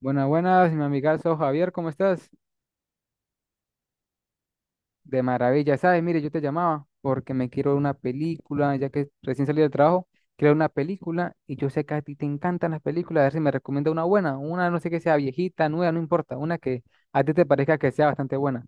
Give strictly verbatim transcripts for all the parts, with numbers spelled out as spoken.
Buenas, buenas, mi amigazo Javier, ¿cómo estás? De maravilla, ¿sabes? Mire, yo te llamaba porque me quiero ver una película, ya que recién salí del trabajo, quiero ver una película y yo sé que a ti te encantan las películas, a ver si me recomienda una buena, una no sé que sea viejita, nueva, no importa, una que a ti te parezca que sea bastante buena.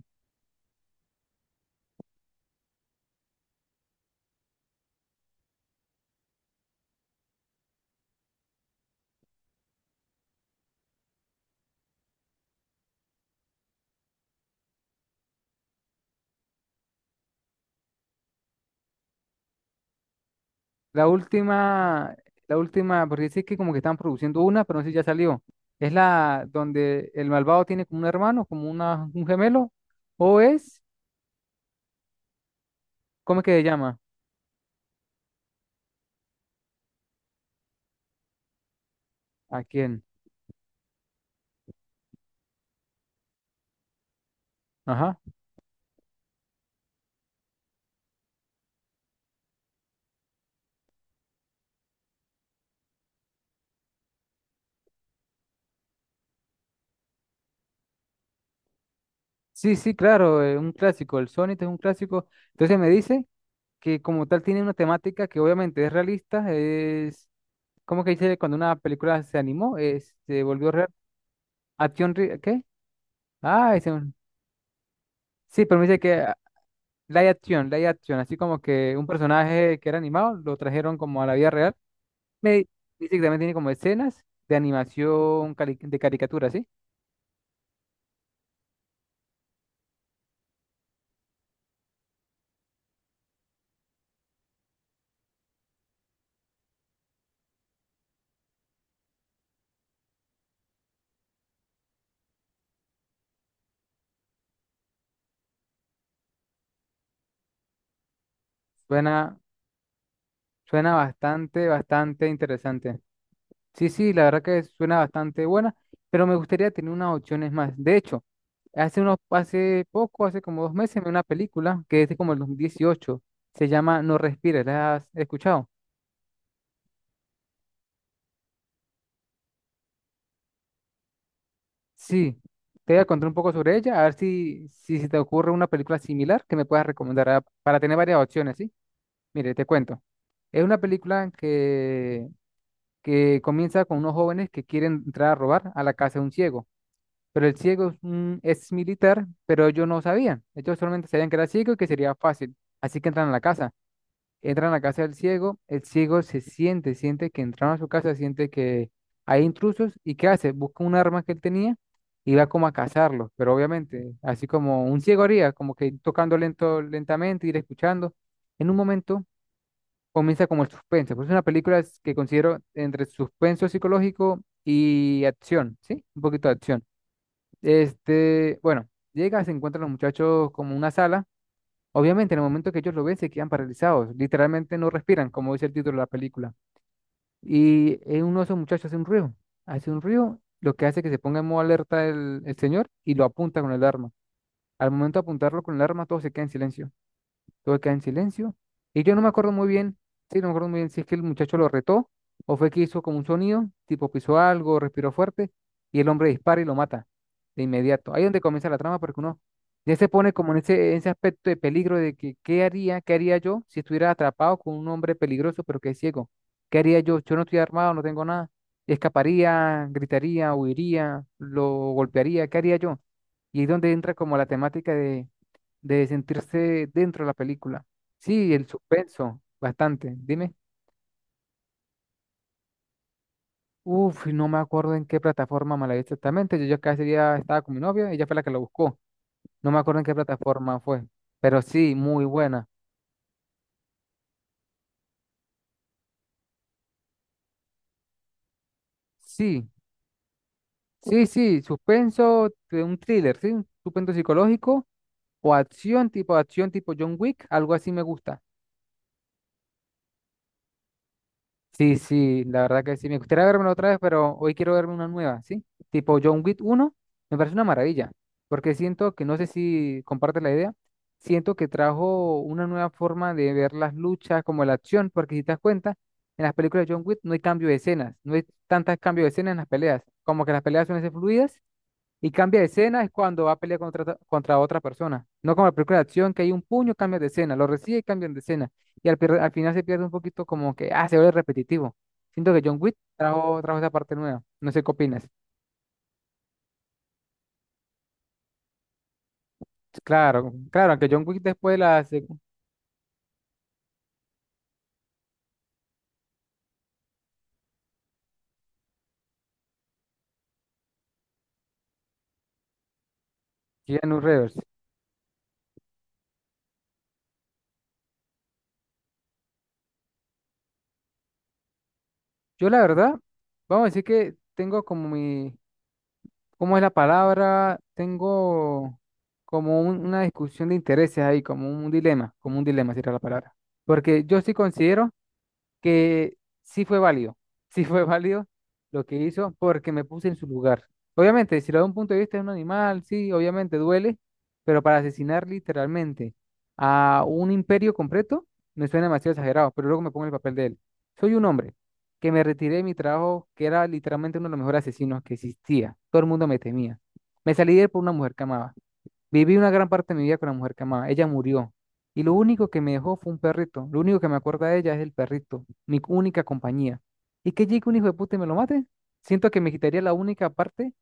La última, la última, porque dice que como que están produciendo una, pero no sé si ya salió. Es la donde el malvado tiene como un hermano, como una, un gemelo, o es, ¿cómo es que se llama? ¿A quién? Ajá. Sí, sí, claro, es un clásico, el Sonic es un clásico. Entonces me dice que como tal tiene una temática que obviamente es realista, es cómo que dice cuando una película se animó, es- se volvió real. Acción, re- ¿qué? Ah, ese, un- sí, pero me dice que ah, live action, live action, así como que un personaje que era animado lo trajeron como a la vida real. Me dice que también tiene como escenas de animación, cari- de caricatura, ¿sí? Suena, Suena bastante, bastante interesante. Sí, sí, la verdad que suena bastante buena, pero me gustaría tener unas opciones más. De hecho, hace unos, hace poco, hace como dos meses, vi una película que es de como el dos mil dieciocho. Se llama No Respires, ¿la has escuchado? Sí. Te voy a contar un poco sobre ella, a ver si, si se te ocurre una película similar que me puedas recomendar ah, para tener varias opciones, ¿sí? Mire, te cuento. Es una película que, que comienza con unos jóvenes que quieren entrar a robar a la casa de un ciego. Pero el ciego mm, es militar, pero ellos no sabían. Ellos solamente sabían que era ciego y que sería fácil. Así que entran a la casa. Entran a la casa del ciego. El ciego se siente, siente que entraron a su casa, siente que hay intrusos. ¿Y qué hace? Busca un arma que él tenía y va como a cazarlos. Pero obviamente, así como un ciego haría, como que ir tocando lento, lentamente, ir escuchando. En un momento comienza como el suspenso. Pues es una película que considero entre suspenso psicológico y acción, ¿sí? Un poquito de acción. Este, bueno, llega, se encuentran los muchachos como en una sala. Obviamente, en el momento que ellos lo ven, se quedan paralizados. Literalmente no respiran, como dice el título de la película. Y eh, uno de esos muchachos hace un ruido. Hace un ruido, lo que hace que se ponga en modo alerta el, el señor y lo apunta con el arma. Al momento de apuntarlo con el arma, todos se quedan en silencio, todo queda en silencio. Y yo no me acuerdo muy bien, sí, no me acuerdo muy bien si es que el muchacho lo retó o fue que hizo como un sonido, tipo pisó algo, respiró fuerte y el hombre dispara y lo mata de inmediato. Ahí es donde comienza la trama porque uno ya se pone como en ese, en ese aspecto de peligro de que qué haría, qué haría yo si estuviera atrapado con un hombre peligroso pero que es ciego. ¿Qué haría yo? Yo no estoy armado, no tengo nada. Escaparía, gritaría, huiría, lo golpearía, ¿qué haría yo? Y es donde entra como la temática de de sentirse dentro de la película. Sí, el suspenso, bastante. Dime. Uf, no me acuerdo en qué plataforma me la vi exactamente. Yo ya casi ya estaba con mi novia, ella fue la que lo buscó. No me acuerdo en qué plataforma fue, pero sí, muy buena. Sí, sí, sí, suspenso, de un thriller, sí, un suspenso psicológico o acción tipo acción tipo John Wick, algo así me gusta. Sí, sí, la verdad que sí. Me gustaría verme otra vez, pero hoy quiero verme una nueva, ¿sí? Tipo John Wick uno, me parece una maravilla, porque siento que, no sé si comparte la idea, siento que trajo una nueva forma de ver las luchas, como la acción, porque si te das cuenta, en las películas de John Wick no hay cambio de escenas, no hay tantos cambios de escenas en las peleas, como que las peleas suelen ser fluidas y cambia de escena es cuando va a pelear contra, otra- contra otra persona. No como la película de acción, que hay un puño, cambia de escena, lo recibe y cambian de escena. Y al, pier- al final se pierde un poquito como que, ah, se vuelve repetitivo. Siento que John Wick trajo, trajo esa parte nueva. No sé qué opinas. Claro, claro, aunque John Wick después de la secuela en Reverse. Yo la verdad, vamos a decir que tengo como mi, ¿cómo es la palabra? Tengo como un- una discusión de intereses ahí, como un dilema, como un dilema sería la palabra. Porque yo sí considero que sí fue válido, sí fue válido lo que hizo porque me puse en su lugar. Obviamente, si lo veo de un punto de vista de un animal, sí, obviamente duele, pero para asesinar literalmente a un imperio completo me suena demasiado exagerado, pero luego me pongo en el papel de él. Soy un hombre que me retiré de mi trabajo, que era literalmente uno de los mejores asesinos que existía. Todo el mundo me temía. Me salí de él por una mujer que amaba. Viví una gran parte de mi vida con la mujer que amaba. Ella murió. Y lo único que me dejó fue un perrito. Lo único que me acuerda de ella es el perrito, mi única compañía. ¿Y que llegue un hijo de puta y me lo mate? Siento que me quitaría la única parte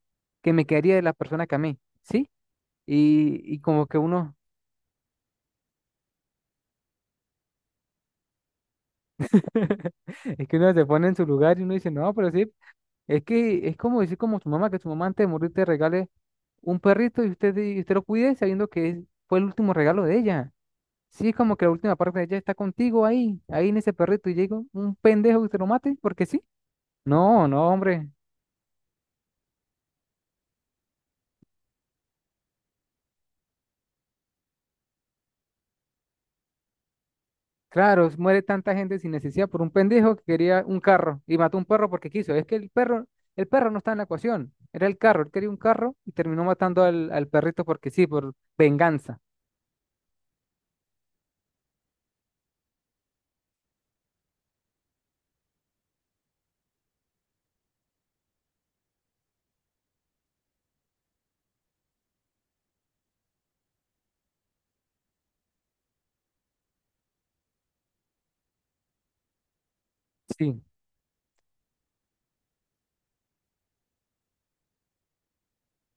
que me quedaría de la persona que amé, ¿sí? Y, y como que uno, es que uno se pone en su lugar y uno dice, no, pero sí, es que es como decir como su mamá, que su mamá antes de morir te regale un perrito y usted, y usted lo cuide sabiendo que es- fue el último regalo de ella. Sí, es como que la última parte ella está contigo ahí, ahí en ese perrito, y llega un pendejo que te lo mate, porque sí. No, no, hombre. Claro, muere tanta gente sin necesidad por un pendejo que quería un carro y mató un perro porque quiso. Es que el perro, el perro no está en la ecuación, era el carro, él quería un carro y terminó matando al, al perrito porque sí, por venganza. Sí.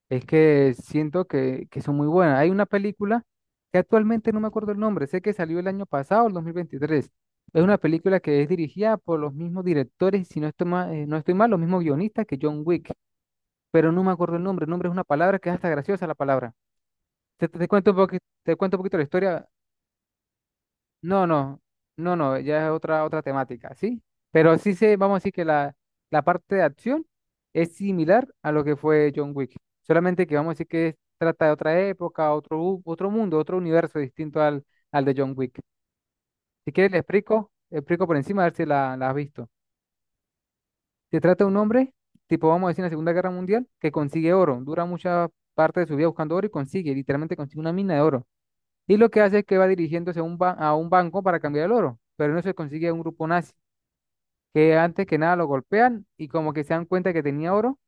Es que siento que, que son muy buenas. Hay una película que actualmente no me acuerdo el nombre, sé que salió el año pasado, el dos mil veintitrés. Es una película que es dirigida por los mismos directores, y si no estoy mal, no estoy mal, los mismos guionistas que John Wick, pero no me acuerdo el nombre. El nombre es una palabra que es hasta graciosa la palabra. Te, te- te cuento un poquito, te cuento un poquito la historia. No, no, no, no, ya es otra, otra temática, ¿sí? Pero sí se, vamos a decir que la, la parte de acción es similar a lo que fue John Wick, solamente que vamos a decir que trata de otra época, otro, u- otro mundo, otro universo distinto al, al de John Wick. Si quieres, le explico, le explico por encima a ver si la, la has visto. Se trata de un hombre, tipo, vamos a decir, en la Segunda Guerra Mundial, que consigue oro, dura mucha parte de su vida buscando oro y consigue, literalmente consigue una mina de oro y lo que hace es que va dirigiéndose a un, ba- a un banco para cambiar el oro, pero no se consigue un grupo nazi, que antes que nada lo golpean y como que se dan cuenta que tenía oro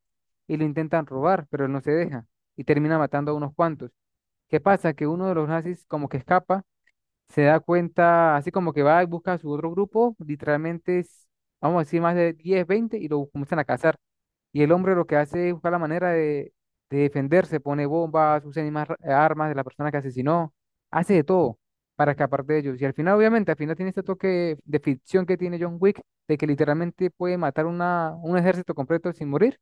y lo intentan robar, pero él no se deja y termina matando a unos cuantos. ¿Qué pasa? Que uno de los nazis como que escapa, se da cuenta, así como que va y busca a su otro grupo, literalmente, es, vamos a decir, más de diez veinte y lo comienzan a cazar. Y el hombre lo que hace es buscar la manera de, de defenderse, pone bombas, usa animas- armas de la persona que asesinó, hace de todo para escapar de ellos. Y al final, obviamente, al final tiene este toque de ficción que tiene John Wick, de que literalmente puede matar una, un ejército completo sin morir.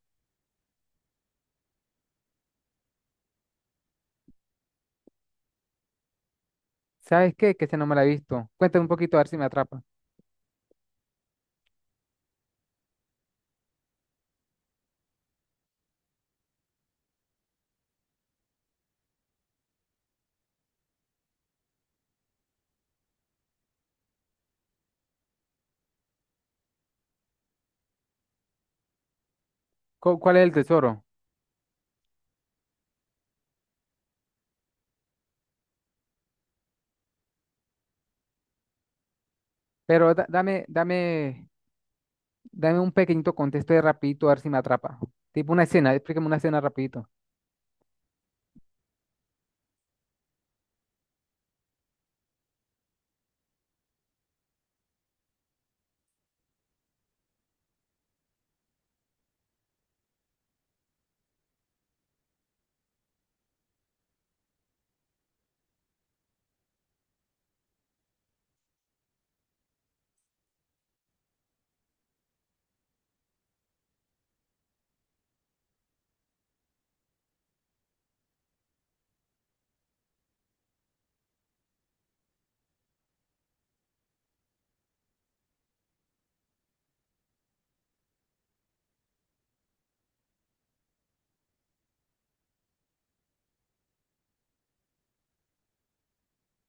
¿Sabes qué? Que ese no me la he visto. Cuéntame un poquito a ver si me atrapa. ¿Cu- ¿Cuál es el tesoro? Pero da- dame, dame dame un pequeñito contexto de rapidito a ver si me atrapa. Tipo una escena, explícame una escena rapidito.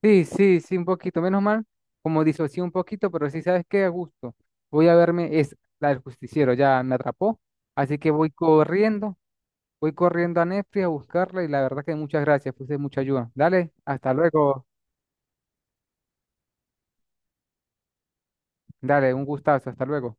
Sí, sí, sí, un poquito, menos mal, como disocié un poquito, pero sí, ¿sabes qué? A gusto. Voy a verme, es la del justiciero, ya me atrapó, así que voy corriendo, voy corriendo a Netflix a buscarla y la verdad que muchas gracias, fuiste de mucha ayuda. Dale, hasta luego, dale, un gustazo, hasta luego.